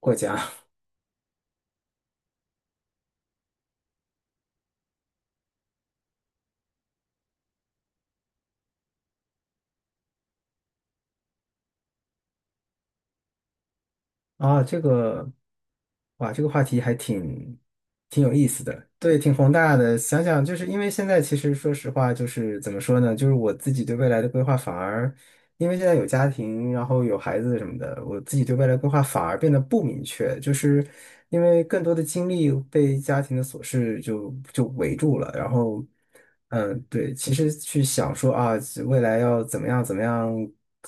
过家 啊，这个哇，这个话题挺有意思的，对，挺宏大的。想想，就是因为现在其实说实话，就是怎么说呢，就是我自己对未来的规划反而。因为现在有家庭，然后有孩子什么的，我自己对未来规划反而变得不明确，因为更多的精力被家庭的琐事就围住了。然后，对，其实去想说啊，未来要怎么样怎么样，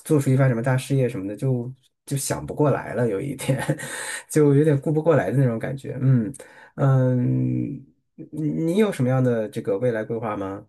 做出一番什么大事业什么的，就想不过来了，有一点，就有点顾不过来的那种感觉。嗯嗯。你你有什么样的这个未来规划吗？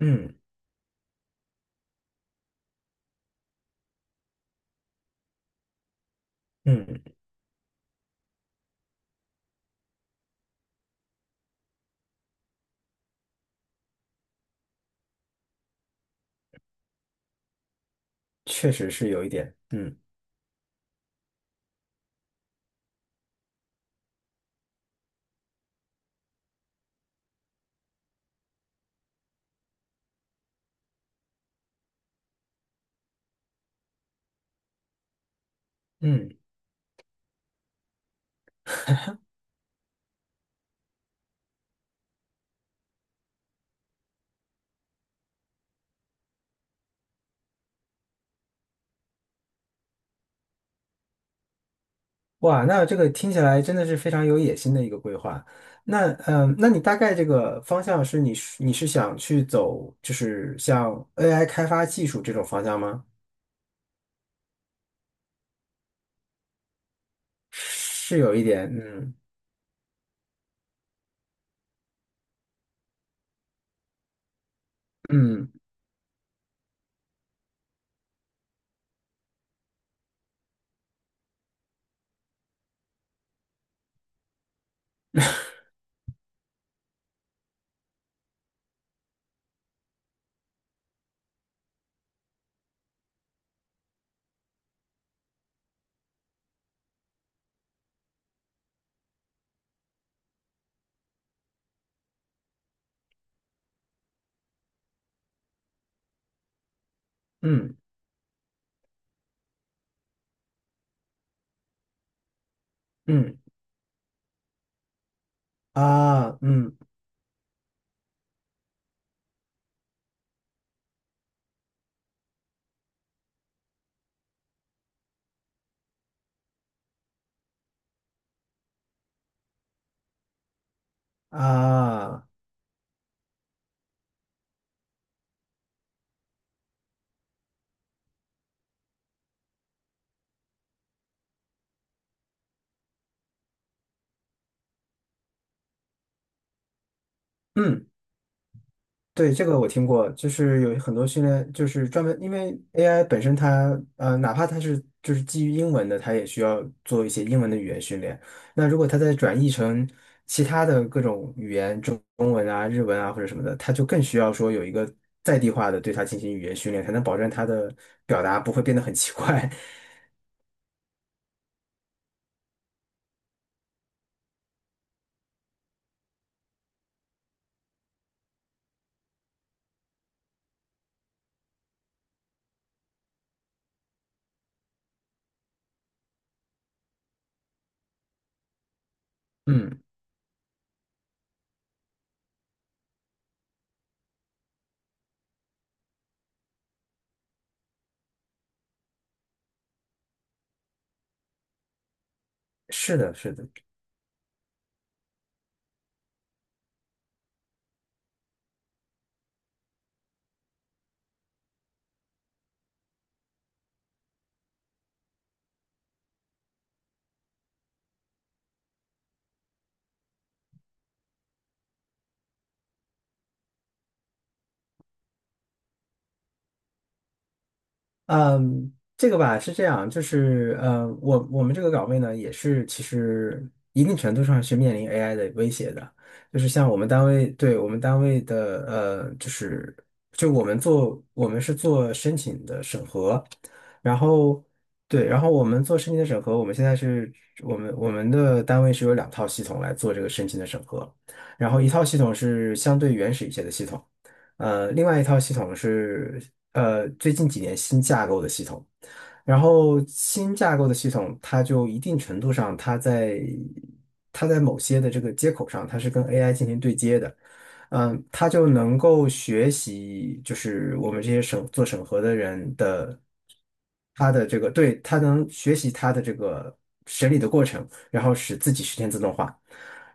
嗯嗯，确实是有一点，嗯嗯。哇，那这个听起来真的是非常有野心的一个规划。那嗯，那你大概这个方向是你是想去走，就是像 AI 开发技术这种方向吗？是有一点，嗯嗯嗯嗯啊嗯啊嗯。对，这个我听过，就是有很多训练，就是专门因为 AI 本身它，哪怕它是就是基于英文的，它也需要做一些英文的语言训练。那如果它再转译成其他的各种语言，中文啊、日文啊或者什么的，它就更需要说有一个在地化的对它进行语言训练，才能保证它的表达不会变得很奇怪。嗯，是的，是的。嗯，这个吧是这样，我们这个岗位呢，也是其实一定程度上是面临 AI 的威胁的，就是像我们单位，对我们单位的,就是就我们做我们是做申请的审核，然后对，然后我们做申请的审核，我们现在是我们的单位是有两套系统来做这个申请的审核，然后一套系统是相对原始一些的系统。另外一套系统是最近几年新架构的系统，然后新架构的系统，它就一定程度上，它在某些的这个接口上，它是跟 AI 进行对接的，嗯，它就能够学习，就是我们这些做审核的人的。他的这个，对，他能学习他的这个审理的过程，然后使自己实现自动化，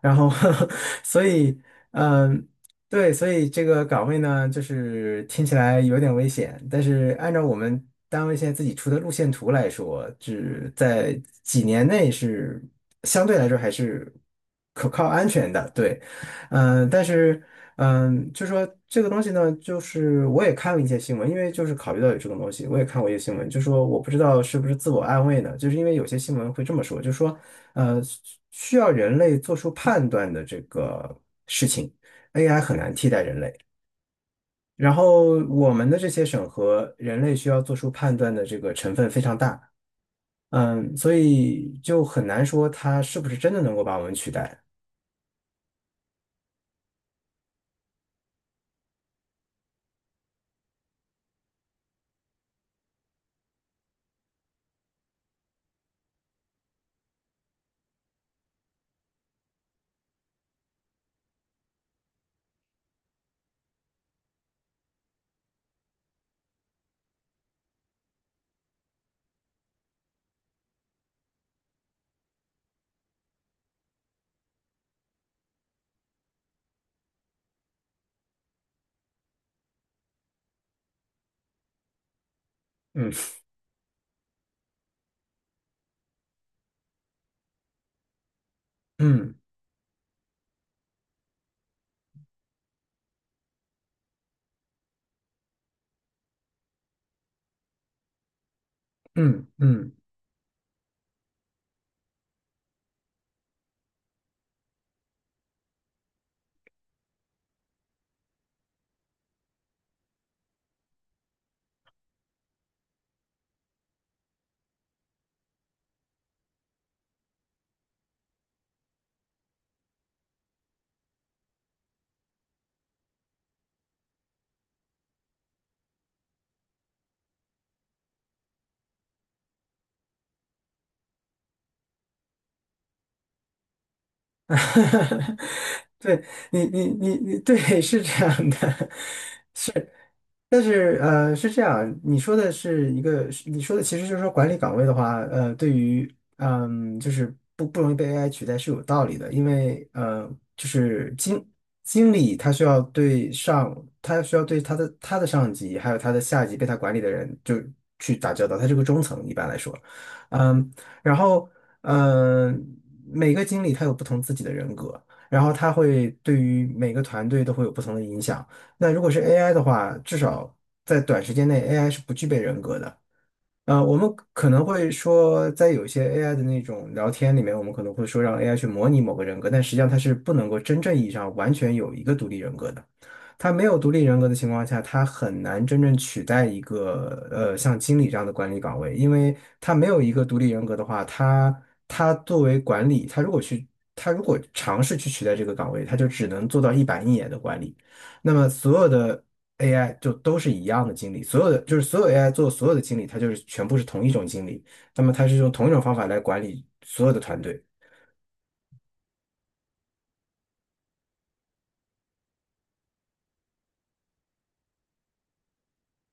然后 所以，嗯，对，所以这个岗位呢，就是听起来有点危险，但是按照我们单位现在自己出的路线图来说，只在几年内是相对来说还是可靠安全的，对，嗯，但是。嗯，就说这个东西呢，就是我也看了一些新闻，因为就是考虑到有这种东西，我也看过一些新闻，就说我不知道是不是自我安慰呢，就是因为有些新闻会这么说，就说需要人类做出判断的这个 AI 很难替代人类，然后我们的这些审核，人类需要做出判断的这个成分非常大，嗯，所以就很难说它是不是真的能够把我们取代，嗯嗯嗯嗯。对你，你，你，你，对，是这样的，但是，是这样，你说的其实就是说管理岗位的话，呃，对于，嗯，就是不容易被 AI 取代是有道理的，因为，就是经理他需要对上，他需要对他的上级，还有他的下级被他管理的人就去打交道，他是个中层一般来说，嗯，然后，嗯、每个经理他有不同自己的人格，然后他会对于每个团队都会有不同的影响。那如果是 AI 的话，至少在短时间内，AI 是不具备人格的。我们可能会说，在有一些 AI 的那种聊天里面，我们可能会说让 AI 去模拟某个人格，但实际上它是不能够真正意义上完全有一个独立人格的。它没有独立人格的情况下，它很难真正取代一个像经理这样的管理岗位，因为它没有一个独立人格的话，它作为管理，它如果尝试去取代这个岗位，它就只能做到一板一眼的管理。那么所有的 AI 就都是一样的经理，所有 AI 做所有的经理，它就是全部是同一种经理，那么它是用同一种方法来管理所有的团队。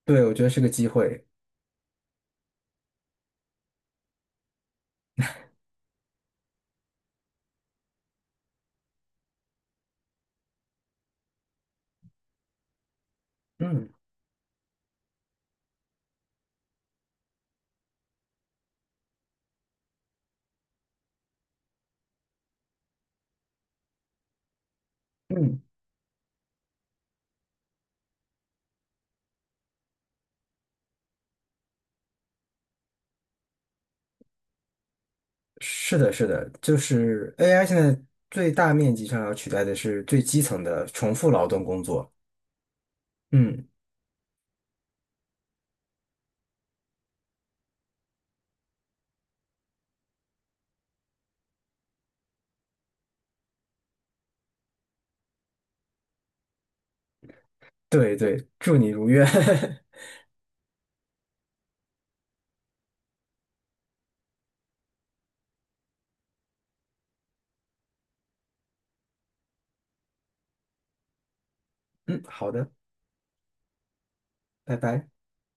对，我觉得是个机会。嗯嗯，是的，是的，就是 AI 现在最大面积上要取代的是最基层的重复劳动工作。嗯，对对，祝你如愿。嗯，好的，拜拜。